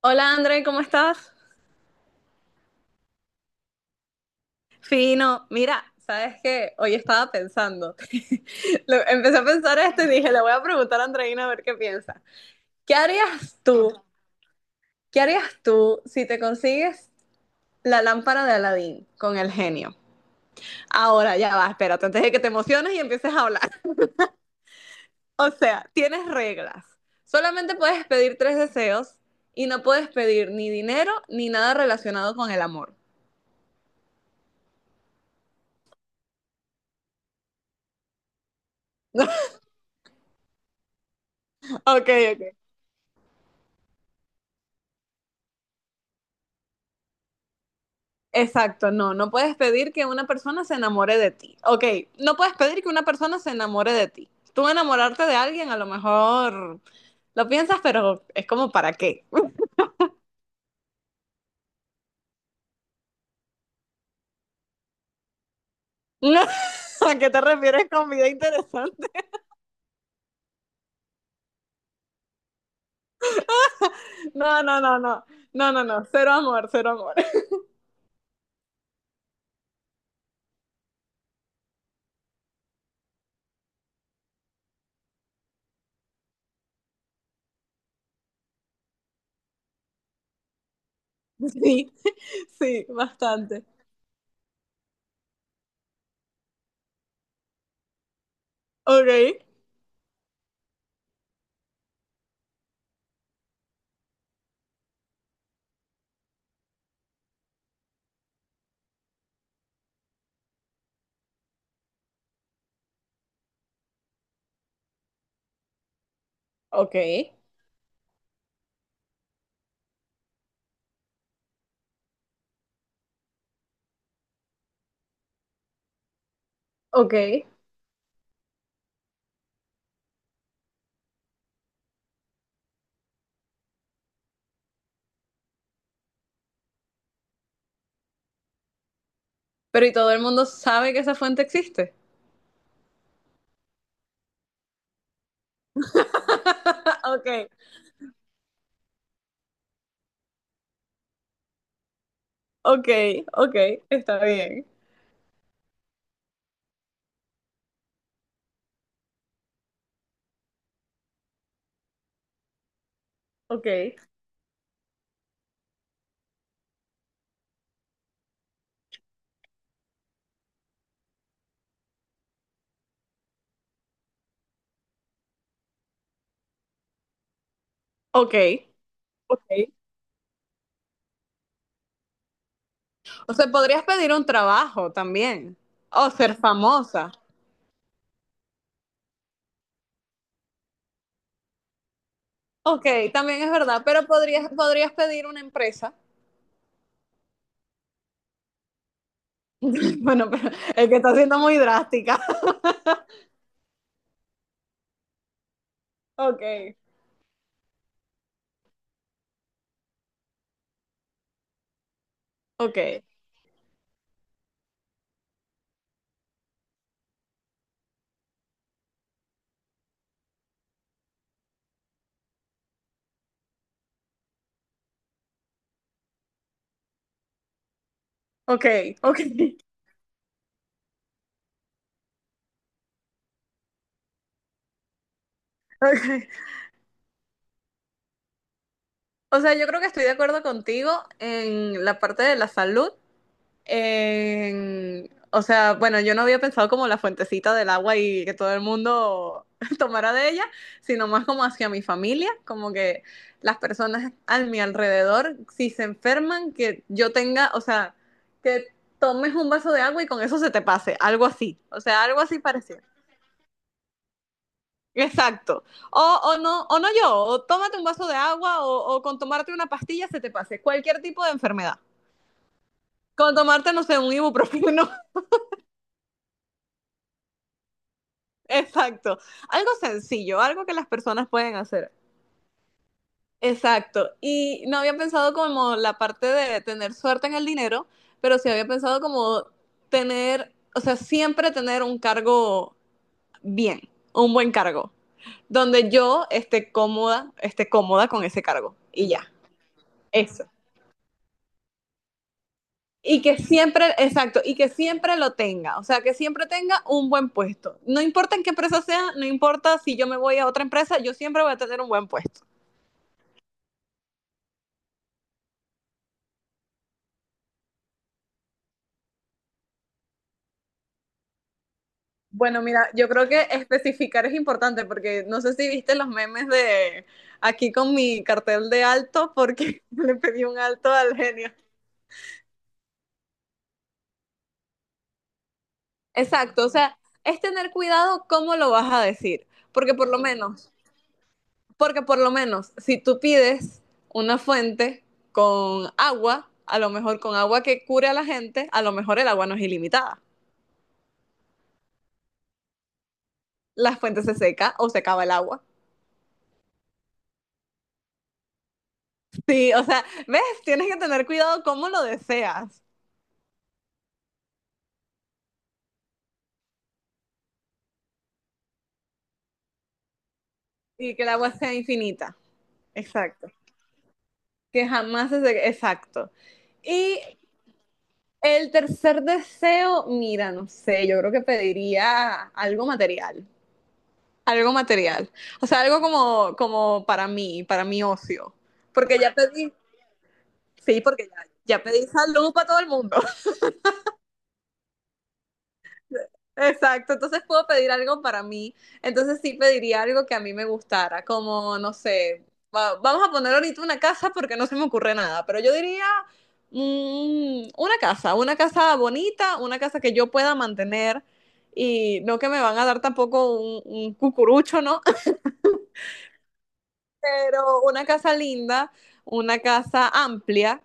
Hola André, ¿cómo estás? Fino, mira, sabes que hoy estaba pensando, empecé a pensar esto y dije, le voy a preguntar a Andreina a ver qué piensa. ¿Qué harías tú? ¿Qué harías tú si te consigues la lámpara de Aladín con el genio? Ahora ya va, espérate, antes de que te emociones y empieces a hablar. O sea, tienes reglas. Solamente puedes pedir tres deseos y no puedes pedir ni dinero ni nada relacionado con el amor. Ok, ok. Exacto, no, no puedes pedir que una persona se enamore de ti. Ok, no puedes pedir que una persona se enamore de ti. Tú enamorarte de alguien a lo mejor lo piensas, pero es como para qué. No, ¿a qué te refieres con vida interesante? No, no, no, no, no, no, no, cero amor, cero amor. Sí, sí, bastante. Ok, ok, ok. Pero ¿y todo el mundo sabe que esa fuente existe? Ok, ok, ok, está bien. Ok, ok. Ok. O sea, podrías pedir un trabajo también. O ser famosa. Ok, también es verdad, pero podrías, podrías pedir una empresa. Bueno, pero es que está siendo muy drástica. Ok, ok, ok, ok, ok. O sea, yo creo que estoy de acuerdo contigo en la parte de la salud, o sea, bueno, yo no había pensado como la fuentecita del agua y que todo el mundo tomara de ella, sino más como hacia mi familia, como que las personas a mi alrededor, si se enferman, que yo tenga, o sea, que tomes un vaso de agua y con eso se te pase, algo así, o sea, algo así parecido. Exacto. O no yo, o tómate un vaso de agua o con tomarte una pastilla se te pase, cualquier tipo de enfermedad. Con tomarte, no sé, un ibuprofeno. Exacto. Algo sencillo, algo que las personas pueden hacer. Exacto. Y no había pensado como la parte de tener suerte en el dinero, pero sí había pensado como tener, o sea, siempre tener un cargo bien, un buen cargo, donde yo esté cómoda con ese cargo. Y ya, eso. Y que siempre, exacto, y que siempre lo tenga, o sea, que siempre tenga un buen puesto. No importa en qué empresa sea, no importa si yo me voy a otra empresa, yo siempre voy a tener un buen puesto. Bueno, mira, yo creo que especificar es importante porque no sé si viste los memes de aquí con mi cartel de alto porque le pedí un alto al genio. Exacto, o sea, es tener cuidado cómo lo vas a decir, porque por lo menos, porque por lo menos, si tú pides una fuente con agua, a lo mejor con agua que cure a la gente, a lo mejor el agua no es ilimitada. La fuente se seca o se acaba el agua. Sí, o sea, ves, tienes que tener cuidado cómo lo deseas. Y que el agua sea infinita. Exacto. Que jamás se... seque. Exacto. Y el tercer deseo, mira, no sé, yo creo que pediría algo material. Algo material. O sea, algo como, como para mí, para mi ocio. Porque ya pedí, sí, porque ya, ya pedí salud para todo el mundo. Exacto, entonces puedo pedir algo para mí. Entonces sí pediría algo que a mí me gustara, como, no sé, vamos a poner ahorita una casa porque no se me ocurre nada, pero yo diría mm, una casa bonita, una casa que yo pueda mantener y no que me van a dar tampoco un, un cucurucho, ¿no? Pero una casa linda, una casa amplia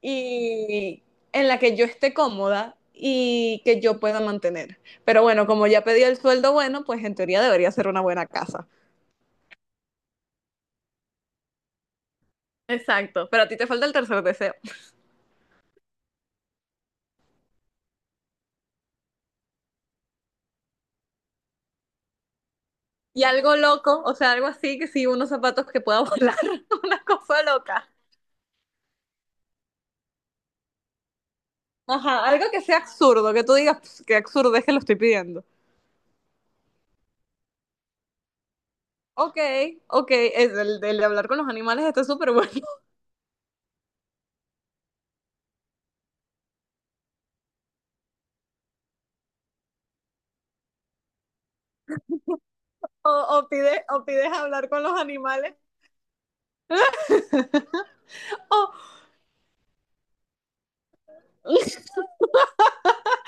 y en la que yo esté cómoda y que yo pueda mantener. Pero bueno, como ya pedí el sueldo bueno, pues en teoría debería ser una buena casa. Exacto, pero a ti te falta el tercer deseo. Y algo loco, o sea, algo así que sí, unos zapatos que pueda volar, una cosa loca. Ajá, algo que sea absurdo, que tú digas "Pss, qué absurdo es que lo estoy pidiendo". Ok, ok, es el de hablar con los animales está súper bueno. O, o, o pides hablar con los animales. O-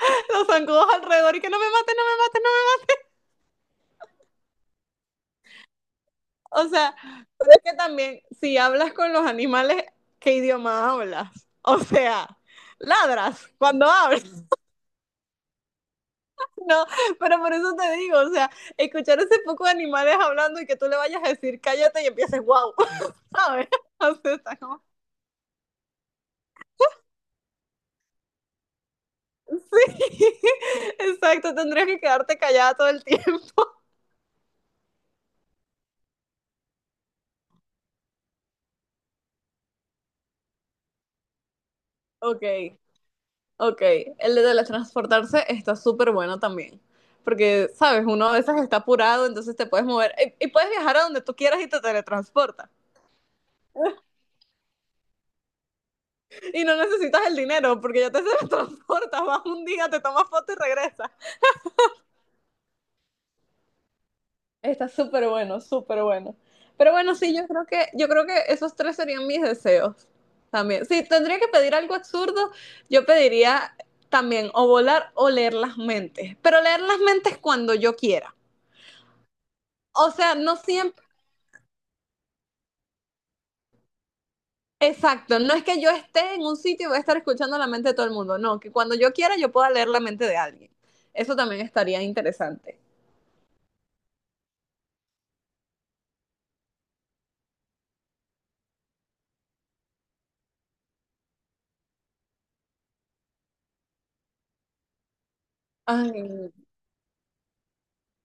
los zancudos alrededor y que no me maten, no me maten, no me. O sea, es que también, si hablas con los animales, ¿qué idioma hablas? O sea, ladras cuando hablas, ¿no? Pero por eso te digo, o sea, escuchar ese poco de animales hablando y que tú le vayas a decir cállate y empieces, wow, ¿sabes? O sea, está como, sí, exacto, tendrías que quedarte callada todo el tiempo. Ok, ok, el de teletransportarse está súper bueno también. Porque, sabes, uno a veces está apurado, entonces te puedes mover y puedes viajar a donde tú quieras y te teletransportas. Y no necesitas el dinero porque ya te teletransportas, vas un día, te tomas foto y regresas. Está súper bueno, súper bueno. Pero bueno, sí, yo creo que esos tres serían mis deseos también. Si tendría que pedir algo absurdo, yo pediría también o volar o leer las mentes. Pero leer las mentes cuando yo quiera. O sea, no siempre. Exacto, no es que yo esté en un sitio y voy a estar escuchando la mente de todo el mundo, no, que cuando yo quiera yo pueda leer la mente de alguien. Eso también estaría interesante. Ay,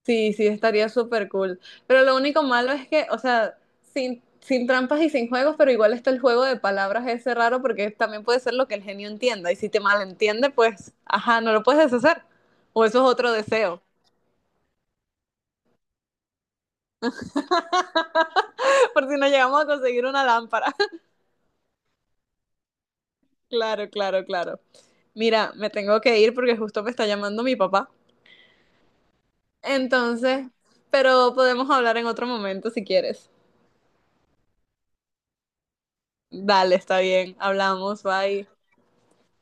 sí, sí, estaría súper cool. Pero lo único malo es que, o sea, sin, sin trampas y sin juegos, pero igual está el juego de palabras ese raro porque también puede ser lo que el genio entienda. Y si te malentiende, pues, ajá, no lo puedes deshacer. O eso es otro deseo. Por si no llegamos a conseguir una lámpara. Claro, claro, claro. Mira, me tengo que ir porque justo me está llamando mi papá. Entonces, pero podemos hablar en otro momento si quieres. Dale, está bien. Hablamos, bye.